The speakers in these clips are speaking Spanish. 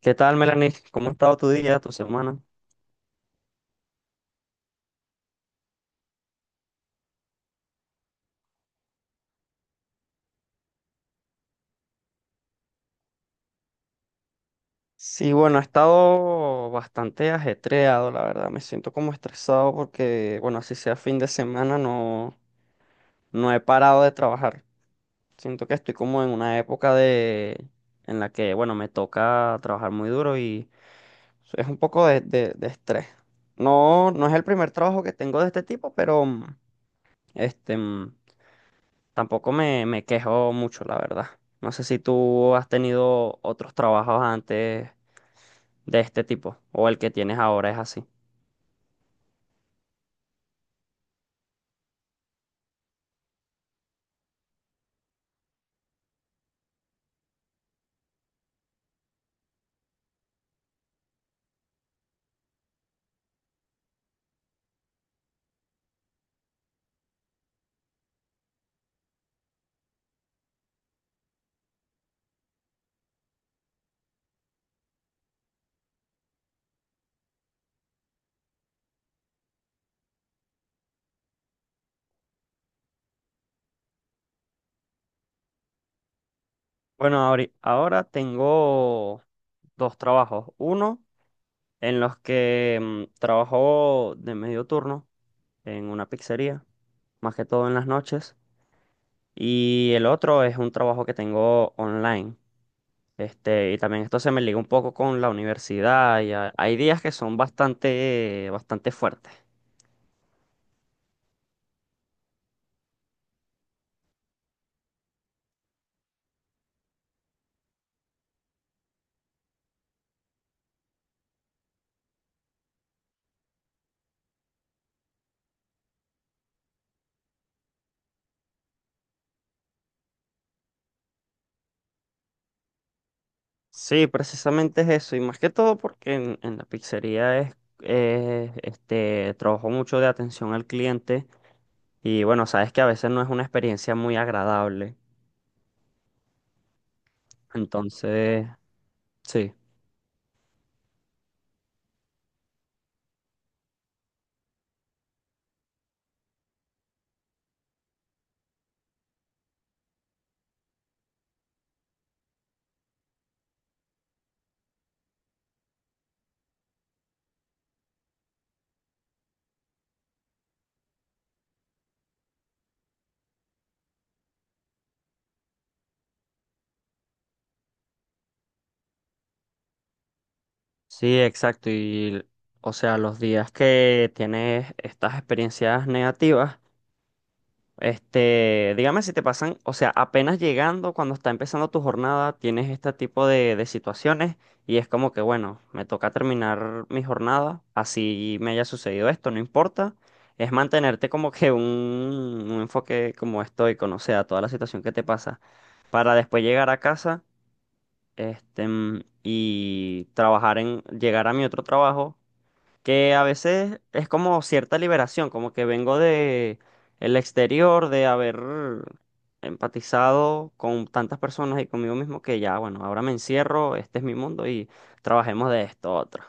¿Qué tal, Melanie? ¿Cómo ha estado tu día, tu semana? Sí, bueno, ha estado bastante ajetreado, la verdad. Me siento como estresado porque, bueno, así sea fin de semana, no, no he parado de trabajar. Siento que estoy como en una época de, en la que, bueno, me toca trabajar muy duro y es un poco de estrés. No, no es el primer trabajo que tengo de este tipo, pero este, mm, tampoco me quejo mucho, la verdad. No sé si tú has tenido otros trabajos antes de este tipo, o el que tienes ahora es así. Bueno, ahora tengo dos trabajos. Uno en los que trabajo de medio turno en una pizzería, más que todo en las noches. Y el otro es un trabajo que tengo online. Este, y también esto se me liga un poco con la universidad. Y hay días que son bastante, bastante fuertes. Sí, precisamente es eso, y más que todo porque en la pizzería es, este, trabajo mucho de atención al cliente y bueno, sabes que a veces no es una experiencia muy agradable, entonces, sí, sí, exacto, y o sea, los días que tienes estas experiencias negativas, este, dígame si te pasan, o sea, apenas llegando, cuando está empezando tu jornada, tienes este tipo de situaciones y es como que, bueno, me toca terminar mi jornada, así me haya sucedido esto, no importa. Es mantenerte como que un enfoque como estoico, no sea, toda la situación que te pasa, para después llegar a casa, este, y trabajar en, llegar a mi otro trabajo que a veces es como cierta liberación, como que vengo de el exterior, de haber empatizado con tantas personas y conmigo mismo que ya, bueno, ahora me encierro, este es mi mundo y trabajemos de esto otro.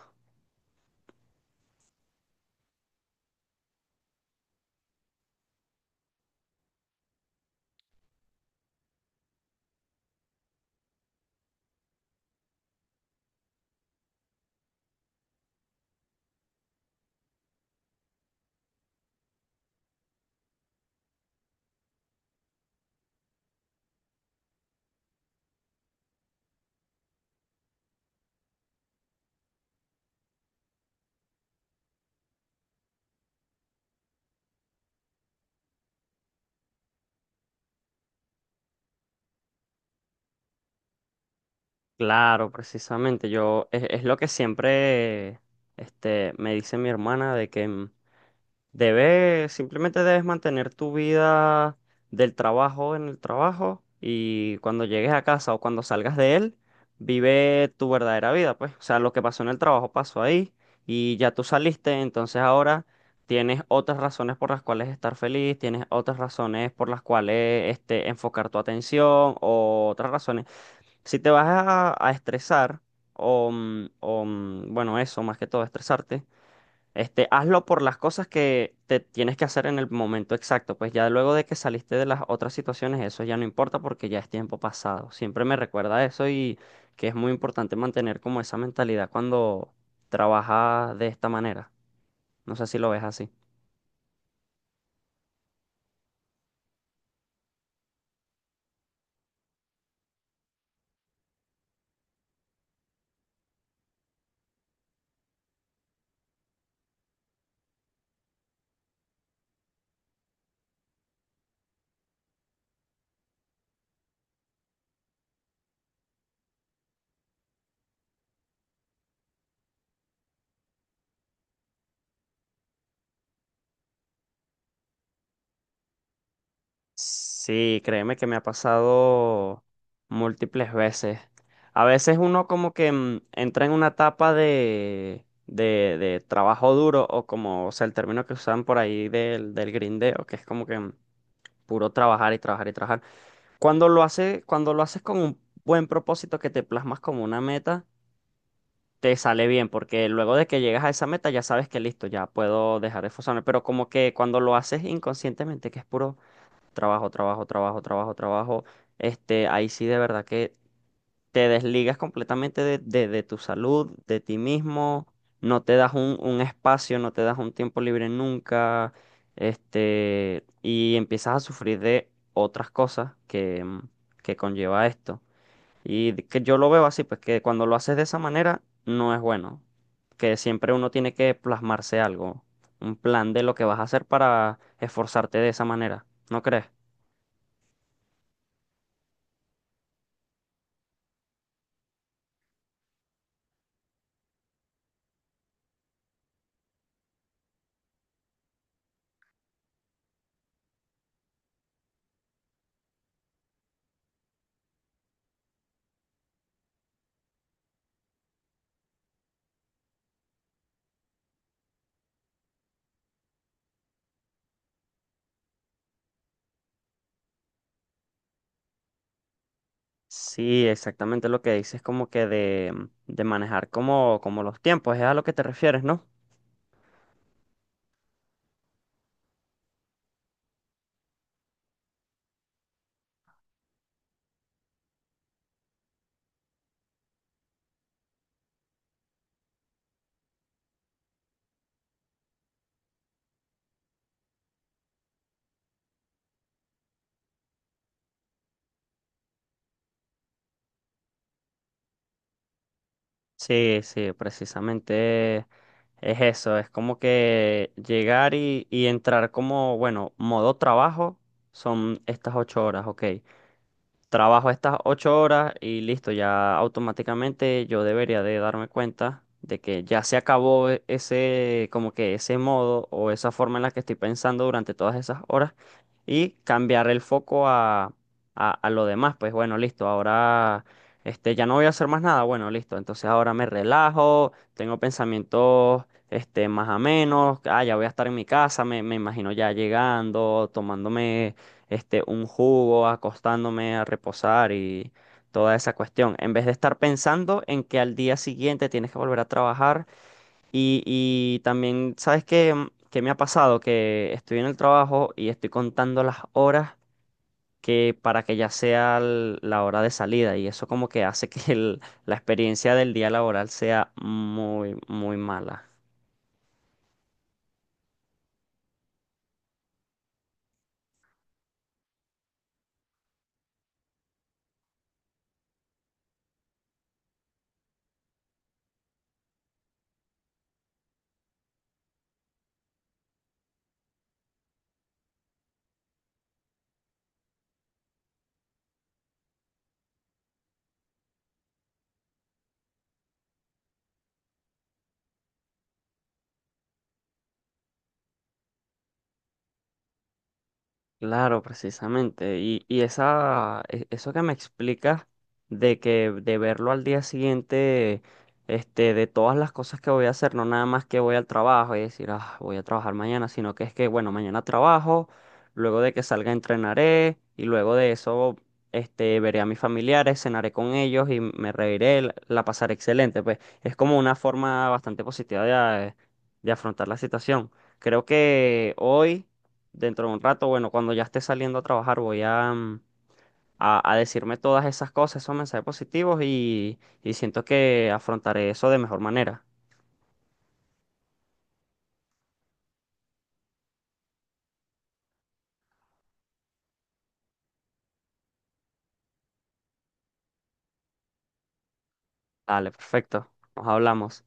Claro, precisamente, yo es lo que siempre este, me dice mi hermana de que debes, simplemente debes mantener tu vida del trabajo en el trabajo y cuando llegues a casa o cuando salgas de él, vive tu verdadera vida, pues. O sea, lo que pasó en el trabajo pasó ahí y ya tú saliste, entonces ahora tienes otras razones por las cuales estar feliz, tienes otras razones por las cuales este, enfocar tu atención o otras razones. Si te vas a estresar o, o, bueno, eso más que todo, estresarte este, hazlo por las cosas que te tienes que hacer en el momento exacto. Pues ya luego de que saliste de las otras situaciones, eso ya no importa porque ya es tiempo pasado. Siempre me recuerda eso y que es muy importante mantener como esa mentalidad cuando trabajas de esta manera. No sé si lo ves así. Sí, créeme que me ha pasado múltiples veces. A veces uno como que entra en una etapa de trabajo duro o como, o sea, el término que usan por ahí del grindeo, que es como que puro trabajar y trabajar y trabajar. Cuando lo hace, cuando lo haces con un buen propósito que te plasmas como una meta, te sale bien, porque luego de que llegas a esa meta ya sabes que listo, ya puedo dejar de esforzarme, pero como que cuando lo haces inconscientemente, que es puro trabajo, trabajo, trabajo, trabajo, trabajo. Este, ahí sí de verdad que te desligas completamente de, de tu salud, de ti mismo, no te das un espacio, no te das un tiempo libre nunca, este, y empiezas a sufrir de otras cosas que, que conlleva esto. Que yo lo veo así, pues que cuando lo haces de esa manera, no es bueno, que siempre uno tiene que plasmarse algo, un plan de lo que vas a hacer para esforzarte de esa manera, ¿no crees? Sí, exactamente lo que dices, como que de manejar como, como los tiempos, es a lo que te refieres, ¿no? Sí, sí, precisamente es eso, es como que llegar y entrar como, bueno, modo trabajo son estas ocho horas, ok. Trabajo estas ocho horas y listo, ya automáticamente yo debería de darme cuenta de que ya se acabó ese, como que ese modo o esa forma en la que estoy pensando durante todas esas horas y cambiar el foco a, a lo demás. Pues bueno, listo, ahora este, ya no voy a hacer más nada. Bueno, listo, entonces ahora me relajo, tengo pensamientos este, más amenos. Ah, ya voy a estar en mi casa, me imagino ya llegando, tomándome este, un jugo, acostándome a reposar y toda esa cuestión, en vez de estar pensando en que al día siguiente tienes que volver a trabajar y también, ¿sabes qué? ¿Qué me ha pasado? Que estoy en el trabajo y estoy contando las horas que para que ya sea la hora de salida y eso como que hace que la experiencia del día laboral sea muy, muy mala. Claro, precisamente. Y esa, eso que me explicas de que de verlo al día siguiente, este, de todas las cosas que voy a hacer, no nada más que voy al trabajo y decir, ah, voy a trabajar mañana, sino que es que, bueno, mañana trabajo, luego de que salga entrenaré y luego de eso, este, veré a mis familiares, cenaré con ellos y me reiré, la pasaré excelente. Pues es como una forma bastante positiva de, de afrontar la situación. Creo que hoy. Dentro de un rato, bueno, cuando ya esté saliendo a trabajar, voy a, a decirme todas esas cosas, esos mensajes positivos y siento que afrontaré eso de mejor manera. Dale, perfecto. Nos hablamos.